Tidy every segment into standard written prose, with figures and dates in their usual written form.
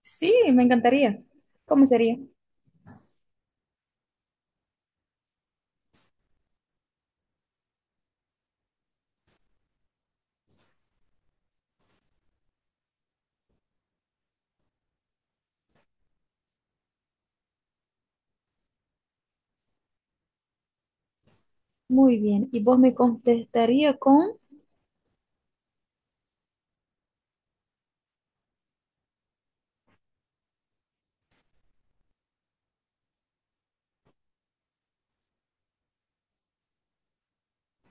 Sí, me encantaría. ¿Cómo sería? Muy bien. Y vos me contestaría con,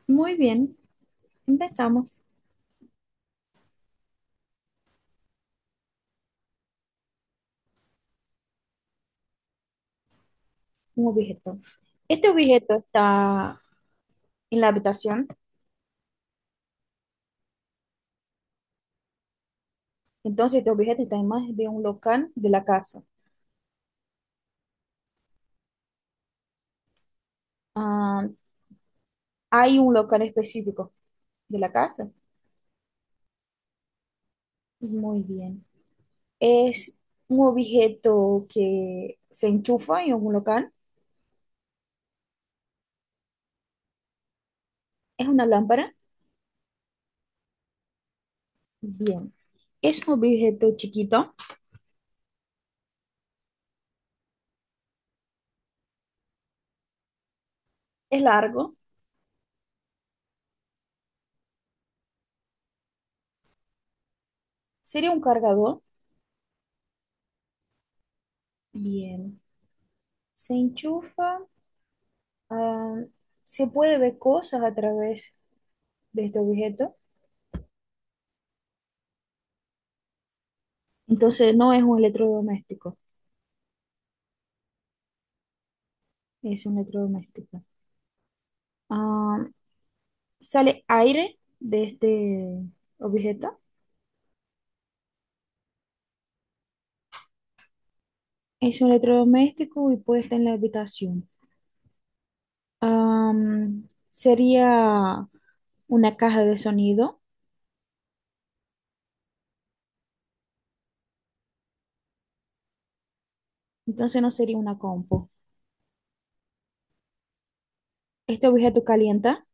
muy bien, empezamos un objeto. Este objeto está en la habitación, entonces este objeto está en más de un local de la casa. Ah, hay un local específico de la casa. Muy bien. Es un objeto que se enchufa en un local. Es una lámpara. Bien. Es un objeto chiquito. Es largo. Sería un cargador. Bien. Se enchufa, ah, se puede ver cosas a través de este objeto. Entonces no es un electrodoméstico, es un electrodoméstico. Ah, sale aire de este objeto. Es un electrodoméstico y puede estar en la habitación. Sería una caja de sonido, entonces no sería una compu. Este objeto calienta,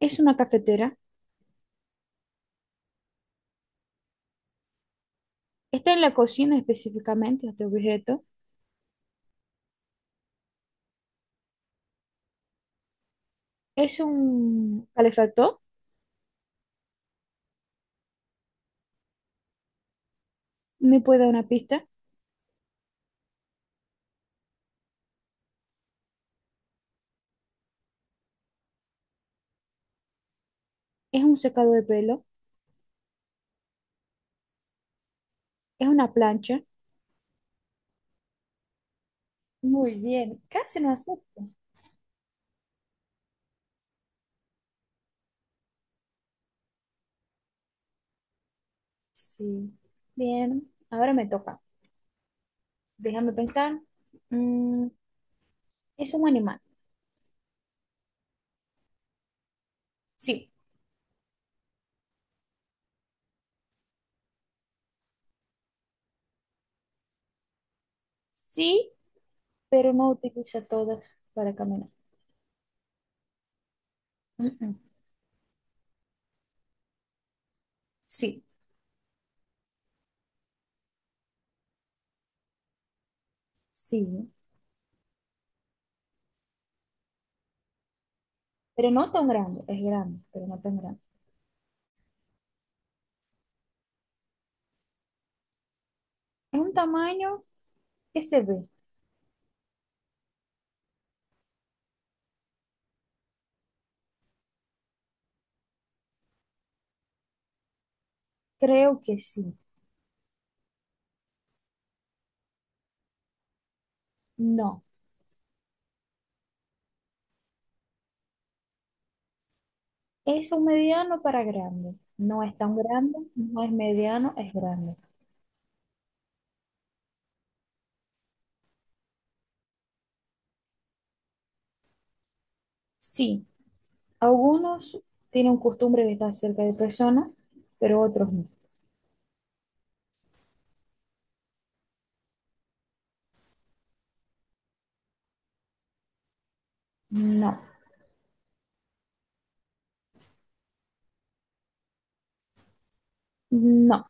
es una cafetera, está en la cocina específicamente este objeto, es un calefactor. ¿Me puede dar una pista? ¿Es un secado de pelo? ¿Es una plancha? Muy bien, casi no acepto. Sí. Bien, ahora me toca. Déjame pensar. Mm, ¿es un animal? Sí, sí, pero no utiliza todas para caminar. Mm, mm. Sí, sí, pero no tan grande. Es grande, pero no tan grande. ¿Es un tamaño que se ve? Creo que sí. No, es un mediano para grande. No es tan grande, no es mediano, es grande. Sí. Algunos tienen costumbre de estar cerca de personas, pero otros no. No, no.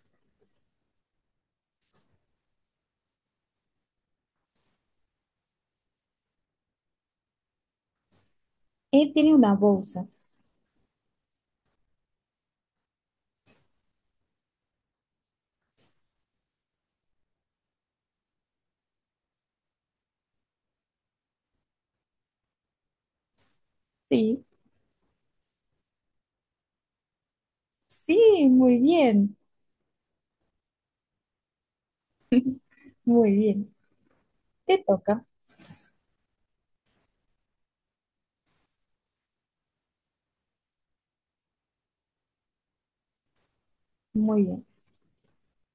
Él tiene una bolsa. Sí, sí, muy bien, muy bien. Te toca, muy bien.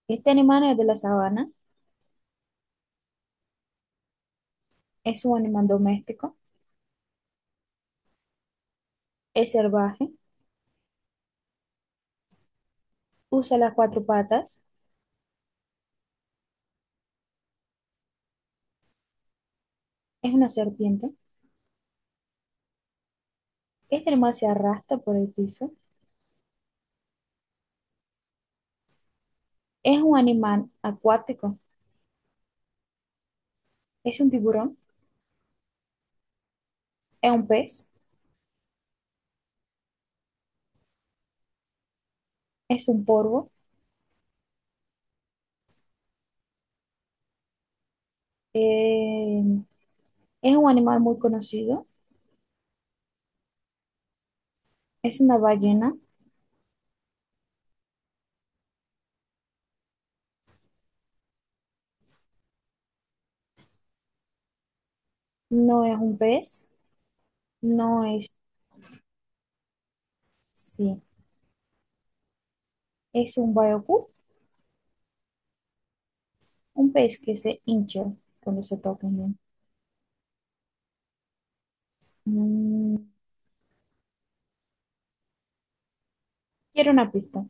Este animal es de la sabana, es un animal doméstico, es salvaje, usa las cuatro patas, es una serpiente. Este animal se arrastra por el piso, es un animal acuático, es un tiburón, es un pez, es un polvo, eh, es un animal muy conocido. Es una ballena, no es un pez, no es, sí, es un bayú, un pez que se hincha cuando se toca, ¿no? Mm, quiero una pista.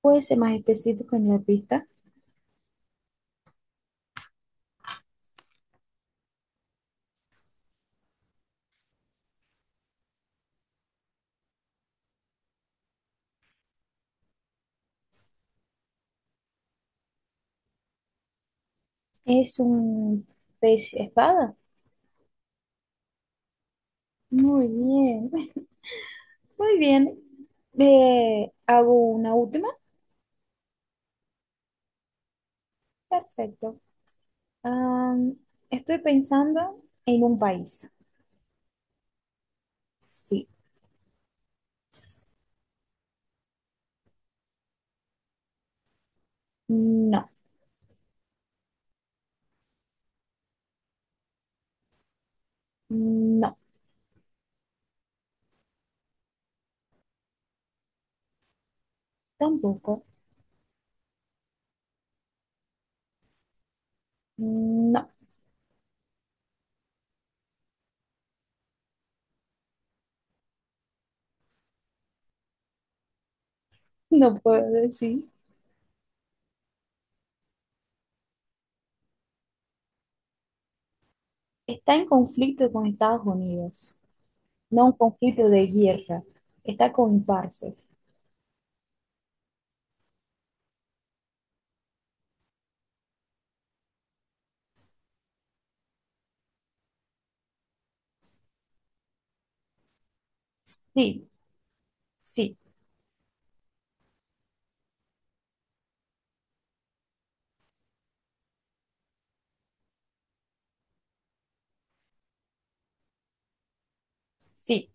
Puede ser más específico en la pista. Es un pez espada. Muy bien, muy bien. Hago una última. Perfecto. Am, estoy pensando en un país. Sí, no, no, tampoco, no. No puedo decir. Está en conflicto con Estados Unidos, no un conflicto de guerra. Está con parces. Sí, sí, sí,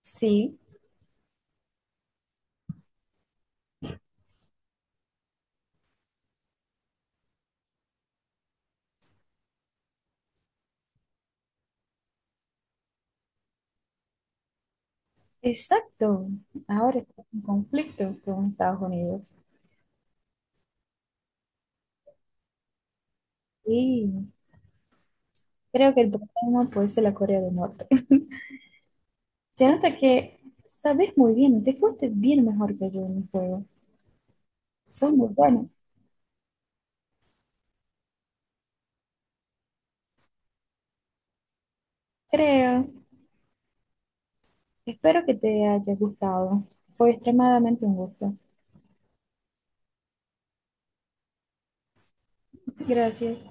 sí. Exacto. Ahora está en conflicto con Estados Unidos. Y creo que el próximo puede ser la Corea del Norte. Se nota que sabes muy bien, te fuiste bien mejor que yo en el juego. Son muy buenos. Creo. Espero que te haya gustado. Fue extremadamente un gusto. Gracias.